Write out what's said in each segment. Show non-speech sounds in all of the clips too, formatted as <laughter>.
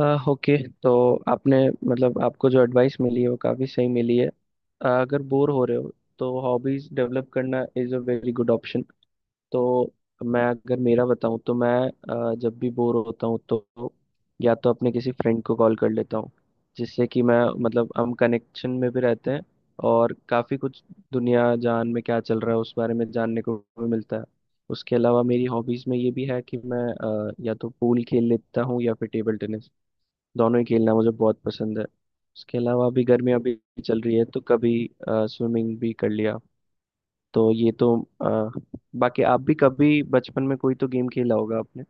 Okay. तो आपने आपको जो एडवाइस मिली है वो काफ़ी सही मिली है। अगर बोर हो रहे हो तो हॉबीज डेवलप करना is a very good option. तो मैं अगर मेरा बताऊं तो मैं जब भी बोर होता हूं तो या तो अपने किसी फ्रेंड को कॉल कर लेता हूं, जिससे कि मैं मतलब हम कनेक्शन में भी रहते हैं और काफ़ी कुछ दुनिया जान में क्या चल रहा है उस बारे में जानने को भी मिलता है। उसके अलावा मेरी हॉबीज़ में ये भी है कि मैं या तो पूल खेल लेता हूँ या फिर टेबल टेनिस। दोनों ही खेलना मुझे बहुत पसंद है। उसके अलावा अभी गर्मियाँ भी चल रही है तो कभी स्विमिंग भी कर लिया। तो ये तो अ, बाकी आप भी कभी बचपन में कोई तो गेम खेला होगा आपने।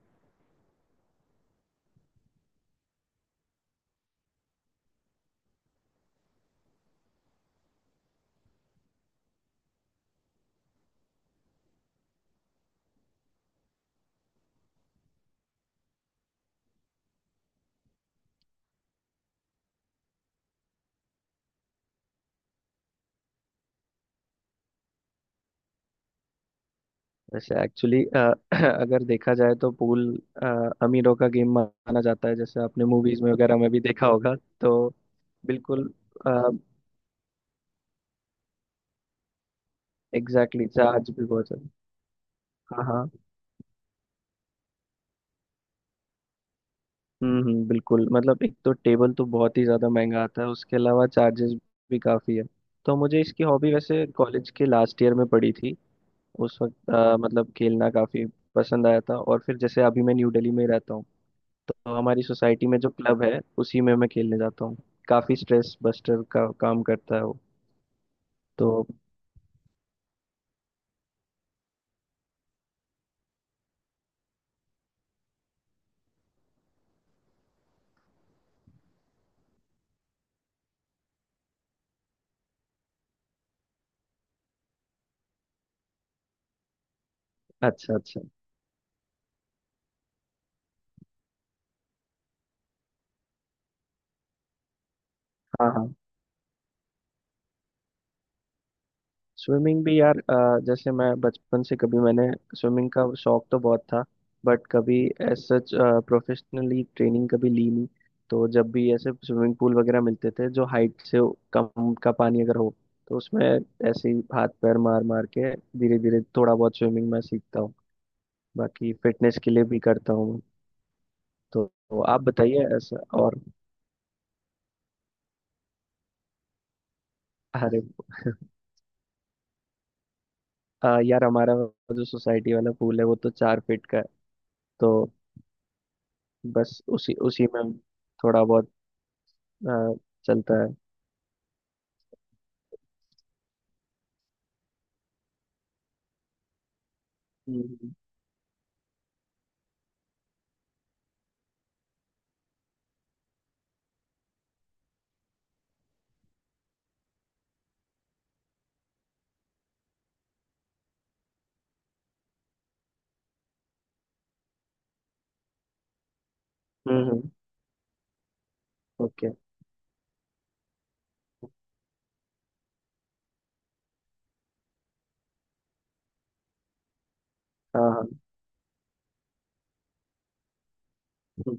वैसे एक्चुअली <clears throat> अगर देखा जाए तो पूल अमीरों का गेम माना जाता है, जैसे आपने मूवीज में वगैरह में भी देखा होगा। तो बिल्कुल। एग्जैक्टली exactly, जहाज भी बहुत है। हाँ हाँ। बिल्कुल। मतलब एक तो टेबल तो बहुत ही ज़्यादा महंगा आता है, उसके अलावा चार्जेस भी काफ़ी है। तो मुझे इसकी हॉबी वैसे कॉलेज के लास्ट ईयर में पड़ी थी। उस वक्त मतलब खेलना काफ़ी पसंद आया था, और फिर जैसे अभी मैं न्यू दिल्ली में रहता हूँ तो हमारी सोसाइटी में जो क्लब है उसी में मैं खेलने जाता हूँ। काफ़ी स्ट्रेस बस्टर का काम करता है वो। तो अच्छा अच्छा। हाँ हाँ। स्विमिंग भी यार जैसे मैं बचपन से कभी मैंने स्विमिंग का शौक तो बहुत था, बट कभी एज सच प्रोफेशनली ट्रेनिंग कभी ली नहीं। तो जब भी ऐसे स्विमिंग पूल वगैरह मिलते थे जो हाइट से कम का पानी अगर हो तो उसमें ऐसे ही हाथ पैर मार मार के धीरे धीरे थोड़ा बहुत स्विमिंग मैं सीखता हूँ। बाकी फिटनेस के लिए भी करता हूँ। तो आप बताइए ऐसा और। अरे यार हमारा जो सोसाइटी वाला पूल है वो तो चार फीट का है। तो बस उसी उसी में थोड़ा बहुत, हाँ, चलता है। हम्म हम्म। ओके। हाँ हाँ। हम्म,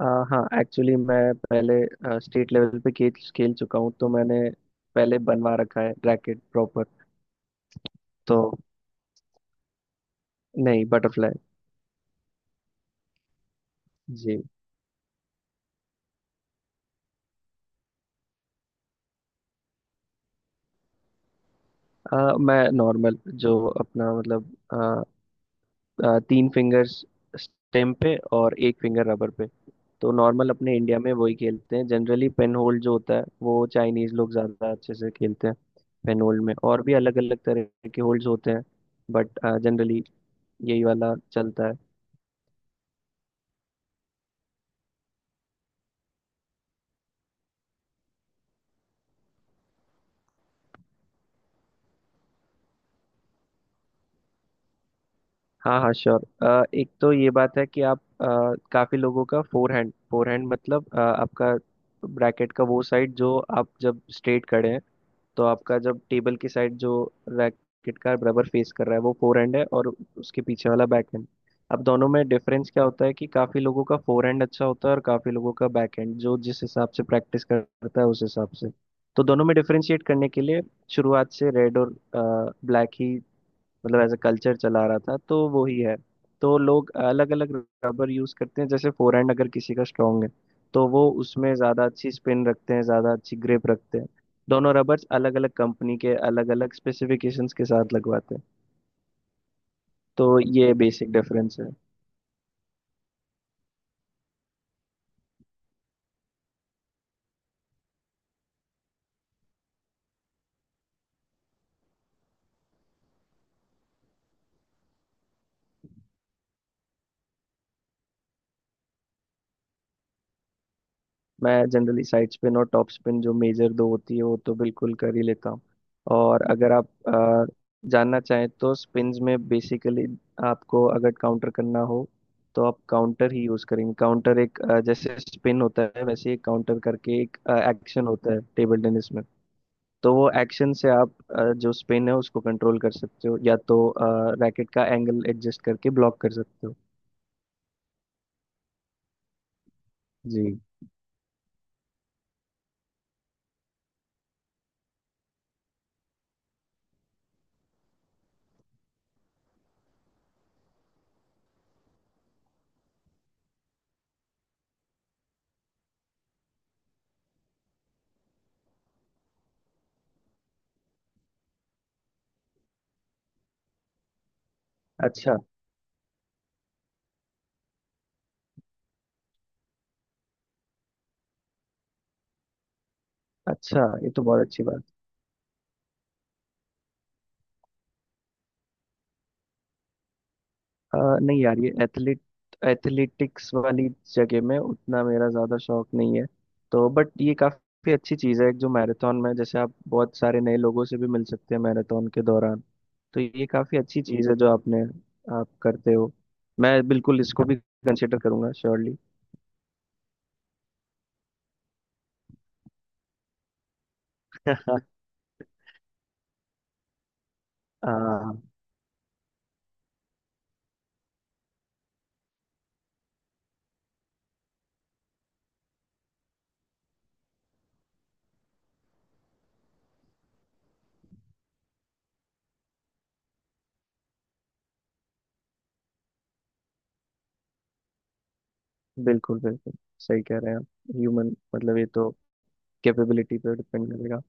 आ, हाँ एक्चुअली मैं पहले स्टेट लेवल पे खेल खेल चुका हूँ, तो मैंने पहले बनवा रखा है रैकेट प्रॉपर। तो नहीं, बटरफ्लाई। जी। मैं नॉर्मल जो अपना मतलब आ, आ, तीन फिंगर्स स्टेम पे और एक फिंगर रबर पे। तो नॉर्मल अपने इंडिया में वही खेलते हैं जनरली। पेन होल्ड जो होता है वो चाइनीज लोग ज़्यादा अच्छे से खेलते हैं। पेन होल्ड में और भी अलग अलग तरह के होल्ड्स होते हैं, बट जनरली यही वाला चलता है। हाँ हाँ श्योर। एक तो ये बात है कि काफी लोगों का फोर हैंड। आपका ब्रैकेट का वो साइड जो आप जब स्ट्रेट खड़े हैं तो आपका जब टेबल की साइड जो रैकेट का रबर फेस कर रहा है वो फोर हैंड है, और उसके पीछे वाला बैक हैंड। अब दोनों में डिफरेंस क्या होता है कि काफी लोगों का फोर हैंड अच्छा होता है और काफी लोगों का बैक हैंड, जो जिस हिसाब से प्रैक्टिस करता है उस हिसाब से। तो दोनों में डिफरेंशिएट करने के लिए शुरुआत से रेड और ब्लैक ही मतलब एज अ कल्चर चला रहा था, तो वो ही है। तो लोग अलग अलग रबर यूज करते हैं। जैसे फोरहैंड अगर किसी का स्ट्रांग है तो वो उसमें ज्यादा अच्छी स्पिन रखते हैं, ज्यादा अच्छी ग्रिप रखते हैं। दोनों रबर्स अलग अलग कंपनी के अलग अलग स्पेसिफिकेशंस के साथ लगवाते हैं। तो ये बेसिक डिफरेंस है। मैं जनरली साइड स्पिन और टॉप स्पिन, जो मेजर दो होती है, वो तो बिल्कुल कर ही लेता हूँ। और अगर जानना चाहें तो स्पिन्स में बेसिकली आपको अगर काउंटर करना हो तो आप काउंटर ही यूज करेंगे। काउंटर एक जैसे स्पिन होता है वैसे ही काउंटर करके एक एक्शन होता है टेबल टेनिस में। तो वो एक्शन से जो स्पिन है उसको कंट्रोल कर सकते हो, या तो रैकेट का एंगल एडजस्ट करके ब्लॉक कर सकते हो। जी। अच्छा अच्छा, ये तो बहुत अच्छी बात। अ, नहीं यार ये एथलीट एथलेटिक्स वाली जगह में उतना मेरा ज़्यादा शौक नहीं है तो। बट ये काफ़ी अच्छी चीज़ है एक, जो मैराथन में जैसे आप बहुत सारे नए लोगों से भी मिल सकते हैं मैराथन के दौरान। तो ये काफ़ी अच्छी चीज़ है जो आपने आप करते हो। मैं बिल्कुल इसको भी कंसिडर करूंगा श्योरली। <laughs> हाँ बिल्कुल बिल्कुल। सही कह रहे हैं आप। ह्यूमन मतलब ये तो कैपेबिलिटी पे डिपेंड करेगा।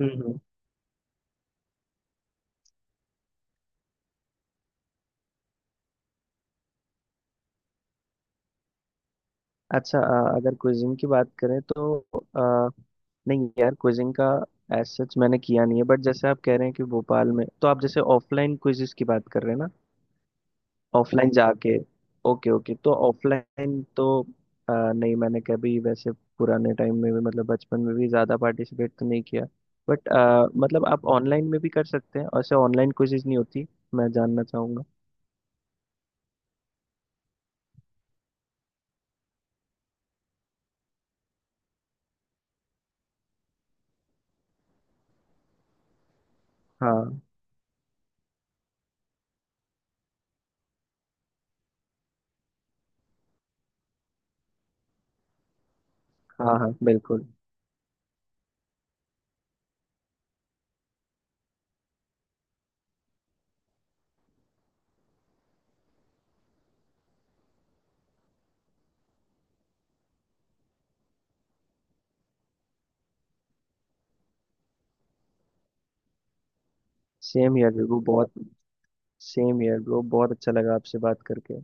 हम्म। अच्छा, अगर क्विजिंग की बात करें तो अ, नहीं यार, क्विजिंग का एज सच मैंने किया नहीं है। बट जैसे आप कह रहे हैं कि भोपाल में, तो आप जैसे ऑफलाइन क्विजिस की बात कर रहे हैं ना? ऑफलाइन जाके। ओके ओके, तो ऑफलाइन तो नहीं, मैंने कभी वैसे पुराने टाइम में भी मतलब बचपन में भी ज़्यादा पार्टिसिपेट तो नहीं किया। बट मतलब आप ऑनलाइन में भी कर सकते हैं, और ऐसे ऑनलाइन क्विजिज नहीं होती? मैं जानना चाहूँगा। हाँ हाँ हाँ बिल्कुल। सेम यार वो बहुत सेम यार ब्रो, बहुत अच्छा लगा आपसे बात करके।